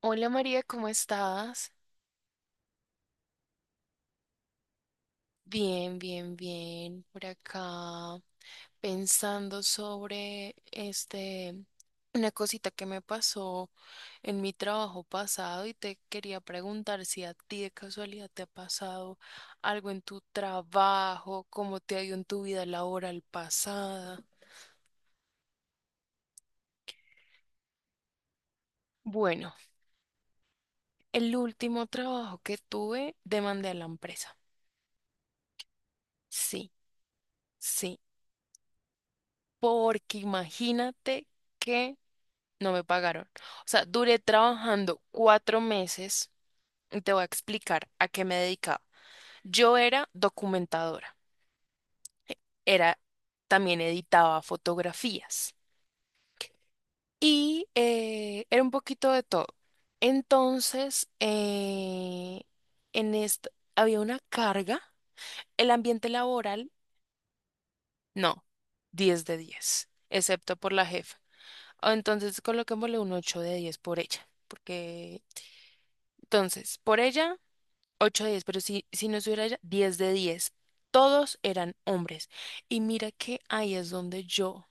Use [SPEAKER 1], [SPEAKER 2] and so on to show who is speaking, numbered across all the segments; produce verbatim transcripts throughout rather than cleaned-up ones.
[SPEAKER 1] Hola María, ¿cómo estás? Bien, bien, bien. Por acá pensando sobre este una cosita que me pasó en mi trabajo pasado y te quería preguntar si a ti de casualidad te ha pasado algo en tu trabajo, cómo te ha ido en tu vida laboral pasada. Bueno, el último trabajo que tuve demandé a la empresa. Sí, sí, porque imagínate que no me pagaron. O sea, duré trabajando cuatro meses y te voy a explicar a qué me dedicaba. Yo era documentadora, era, también editaba fotografías y eh, era un poquito de todo. Entonces, eh, en esto había una carga, el ambiente laboral, no, diez de diez excepto por la jefa. Ah, entonces, coloquémosle un ocho de diez por ella, porque entonces, por ella. ocho de diez, pero si, si no estuviera ella, diez de diez. Todos eran hombres. Y mira que ahí es donde yo,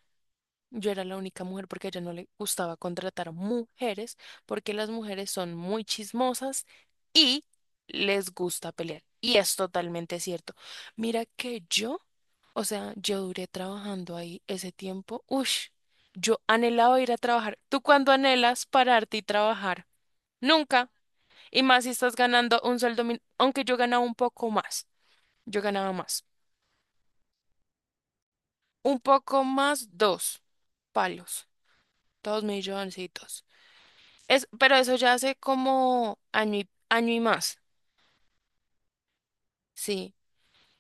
[SPEAKER 1] yo era la única mujer porque a ella no le gustaba contratar mujeres porque las mujeres son muy chismosas y les gusta pelear. Y es totalmente cierto. Mira que yo, o sea, yo duré trabajando ahí ese tiempo. Ush, yo anhelaba ir a trabajar. ¿Tú cuándo anhelas pararte y trabajar? Nunca. Y más si estás ganando un sueldo min- aunque yo ganaba un poco más, yo ganaba más. Un poco más, dos palos, dos milloncitos. Es, pero eso ya hace como año y, año y más, sí.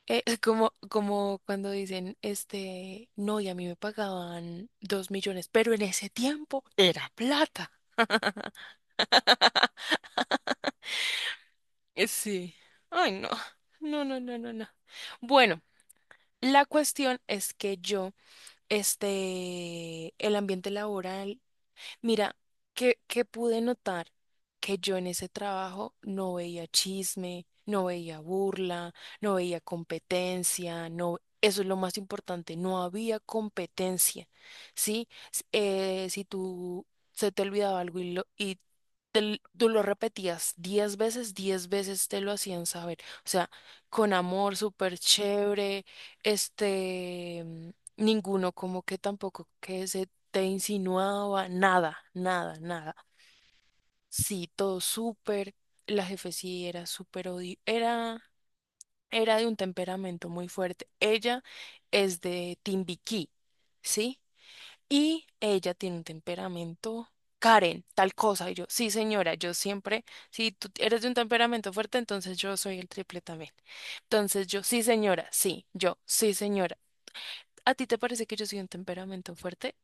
[SPEAKER 1] Eh, como, como cuando dicen, este, no, y a mí me pagaban dos millones, pero en ese tiempo era plata. Eh, Sí. Ay, no. No, no, no, no, no. Bueno, la cuestión es que yo, este, el ambiente laboral. Mira, que, que pude notar que yo en ese trabajo no veía chisme, no veía burla, no veía competencia, no, eso es lo más importante, no había competencia, ¿sí? S- eh, si tú se te olvidaba algo y, lo, y te l- tú lo repetías diez veces, diez veces te lo hacían saber, o sea, con amor, súper chévere, este... mm, ninguno como que tampoco que se te insinuaba, nada, nada, nada. Sí, todo súper, la jefe sí era súper odio, era, era de un temperamento muy fuerte. Ella es de Timbiquí, ¿sí? Y ella tiene un temperamento. Karen, tal cosa. Y yo, sí, señora, yo siempre, si tú eres de un temperamento fuerte, entonces yo soy el triple también. Entonces yo, sí, señora, sí, yo, sí, señora. ¿A ti te parece que yo soy un temperamento fuerte?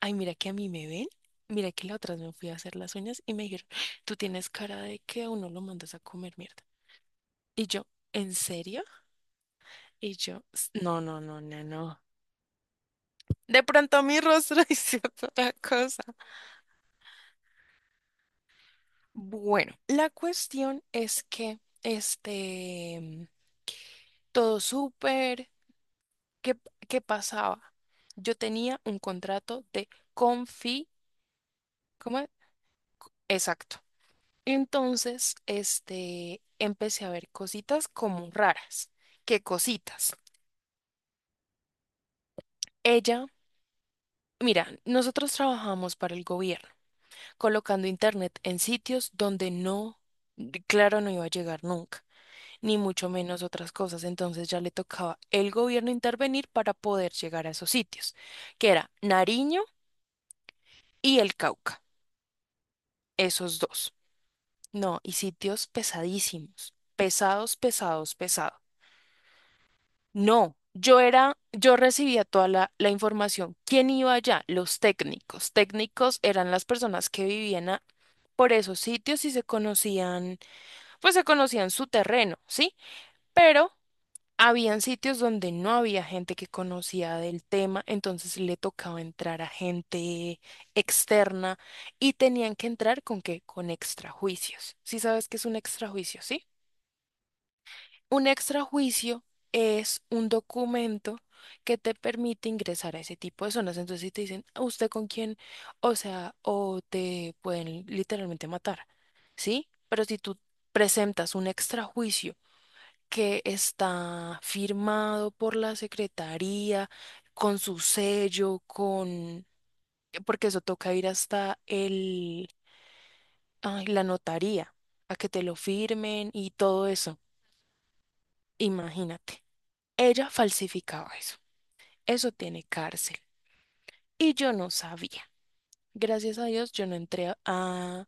[SPEAKER 1] Ay, mira que a mí me ven. Mira que la otra vez me fui a hacer las uñas y me dijeron, tú tienes cara de que a uno lo mandas a comer mierda. Y yo, ¿en serio? Y yo, "S- no, no, no, no, no. De pronto mi rostro hizo otra cosa". Bueno, la cuestión es que, este, todo súper, ¿qué, qué pasaba? Yo tenía un contrato de confi, ¿cómo es? Exacto. Entonces, este, empecé a ver cositas como raras. ¿Qué cositas? Ella, mira, nosotros trabajamos para el gobierno, colocando internet en sitios donde no, de- claro, no iba a llegar nunca, ni mucho menos otras cosas. Entonces ya le tocaba el gobierno intervenir para poder llegar a esos sitios, que era Nariño y el Cauca, esos dos. No, y sitios pesadísimos, pesados, pesados, pesados. No, yo era, yo recibía toda la, la información. ¿Quién iba allá? Los técnicos. Técnicos eran las personas que vivían a- por esos sitios y se conocían, pues se conocían su terreno, ¿sí? Pero habían sitios donde no había gente que conocía del tema, entonces le tocaba entrar a gente externa y tenían que entrar con qué, con extrajuicios. Sí sabes qué es un extrajuicio, ¿sí? Un extrajuicio es un documento que te permite ingresar a ese tipo de zonas. Entonces, si te dicen, "¿A ¿usted con quién?". O sea, o te pueden literalmente matar, ¿sí? Pero si tú presentas un extrajuicio que está firmado por la secretaría, con su sello, con... porque eso toca ir hasta el... ay, la notaría, a que te lo firmen y todo eso. Imagínate. Ella falsificaba eso. Eso tiene cárcel. Y yo no sabía. Gracias a Dios, yo no entré a, a,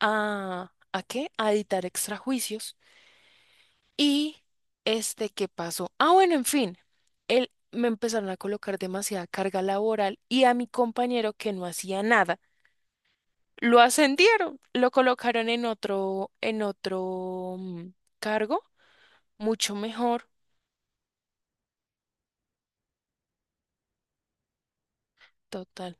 [SPEAKER 1] a, ¿a qué? A editar extrajuicios. Y este, ¿qué pasó? Ah, bueno, en fin. Él, me empezaron a colocar demasiada carga laboral y a mi compañero que no hacía nada, lo ascendieron, lo colocaron en otro, en otro mm, cargo, mucho mejor. Total,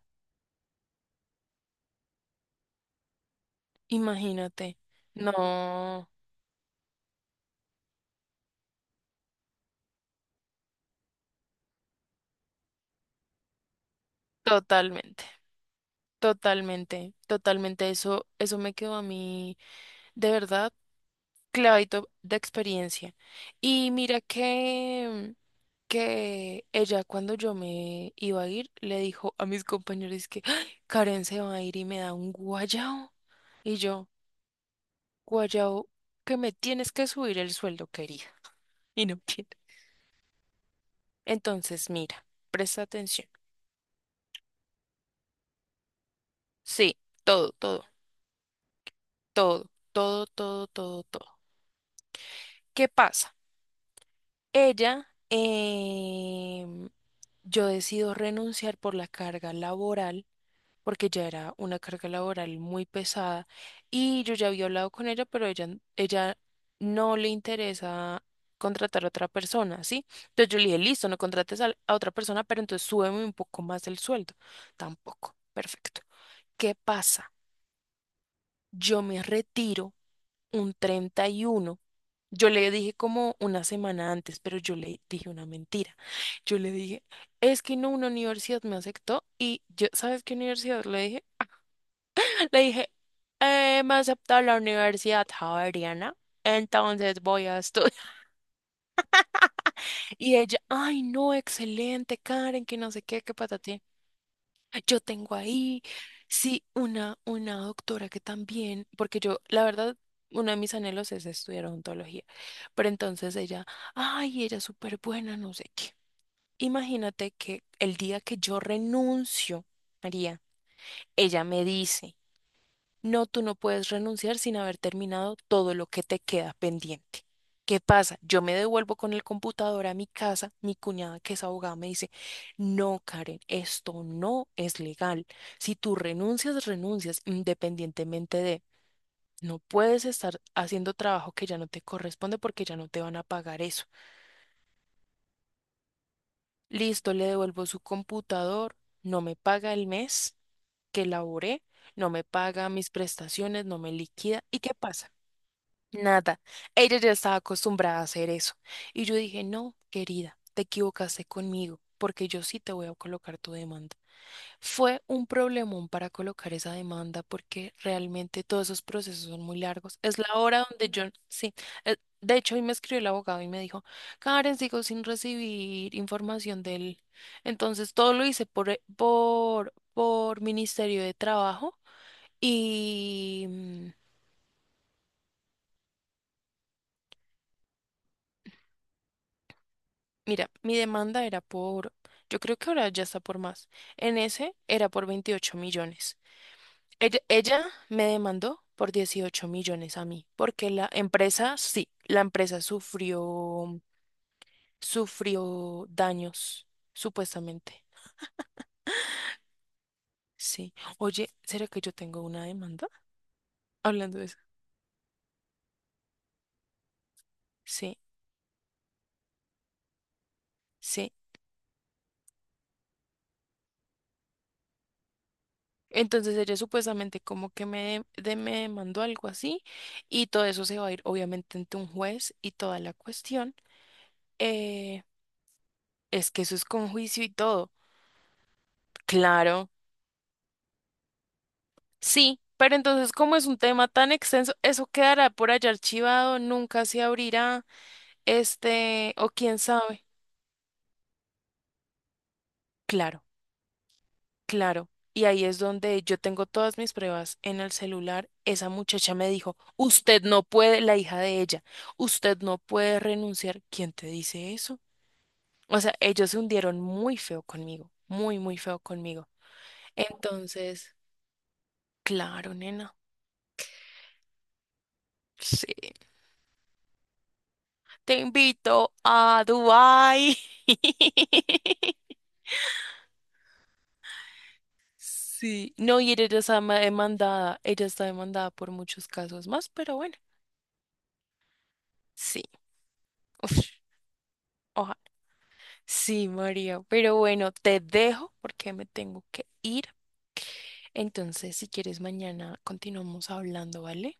[SPEAKER 1] imagínate. No, totalmente. Totalmente, totalmente. Eso, eso me quedó a mí de verdad clavito de experiencia. Y mira que, que ella cuando yo me iba a ir le dijo a mis compañeros que "Ay, Karen se va a ir y me da un guayao". Y yo, guayao, que me tienes que subir el sueldo, querida. Y no quiero. Entonces, mira, presta atención. Sí, todo, todo, todo, todo, todo, todo, todo. ¿Qué pasa? Ella, em, yo decido renunciar por la carga laboral, porque ya era una carga laboral muy pesada y yo ya había hablado con ella, pero ella, ella no le interesa contratar a otra persona, ¿sí? Entonces yo le dije, listo, no contrates al- a, otra persona, pero entonces súbeme un poco más el sueldo. Tampoco, perfecto. ¿Qué pasa? Yo me retiro un treinta y uno. Yo le dije como una semana antes, pero yo le dije una mentira. Yo le dije, es que no, una universidad me aceptó y yo, ¿sabes qué universidad le dije? Le dije, "Eh, me aceptó la Universidad Javeriana, entonces voy a estudiar". Y ella, ay, no, excelente, Karen, que no sé qué, qué ti yo tengo ahí, sí, una, una doctora que también, porque yo, la verdad, uno de mis anhelos es estudiar odontología, pero entonces ella, ay, ella es súper buena, no sé qué. Imagínate que el día que yo renuncio, María, ella me dice, no, tú no puedes renunciar sin haber terminado todo lo que te queda pendiente. ¿Qué pasa? Yo me devuelvo con el computador a mi casa, mi cuñada que es abogada me dice, no, Karen, esto no es legal. Si tú renuncias, renuncias independientemente de... No puedes estar haciendo trabajo que ya no te corresponde porque ya no te van a pagar eso. Listo, le devuelvo su computador, no me paga el mes que laboré, no me paga mis prestaciones, no me liquida. ¿Y qué pasa? Nada. Ella ya estaba acostumbrada a hacer eso. Y yo dije, no, querida, te equivocaste conmigo, porque yo sí te voy a colocar tu demanda. Fue un problemón para colocar esa demanda, porque realmente todos esos procesos son muy largos. Es la hora donde yo, sí, eh, de hecho hoy me escribió el abogado y me dijo, Karen, sigo sin recibir información de él. Entonces todo lo hice por, eh, por, por Ministerio de Trabajo. Y, mm, Mira, mi demanda era por, yo creo que ahora ya está por más. En ese era por veintiocho millones. Ella, ella me demandó por dieciocho millones a mí, porque la empresa, sí, la empresa sufrió, sufrió, daños, supuestamente. Sí. Oye, ¿será que yo tengo una demanda? Hablando de eso. Sí, sí. Entonces ella supuestamente como que me, de- me demandó algo así y todo eso se va a ir obviamente ante un juez y toda la cuestión. eh, Es que eso es con juicio y todo. Claro, sí, pero entonces como es un tema tan extenso, eso quedará por allá archivado, nunca se abrirá, este, o quién sabe. Claro, claro. Y ahí es donde yo tengo todas mis pruebas en el celular. Esa muchacha me dijo, usted no puede, la hija de ella, usted no puede renunciar. ¿Quién te dice eso? O sea, ellos se hundieron muy feo conmigo, muy, muy feo conmigo. Entonces, claro, nena. Sí. Te invito a Dubái. Sí, no, y ella está ma- demandada, ella está demandada por muchos casos más, pero bueno, sí, uf, oja- sí, María, pero bueno, te dejo porque me tengo que ir. Entonces, si quieres, mañana continuamos hablando, ¿vale?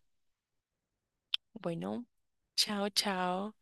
[SPEAKER 1] Bueno, chao, chao.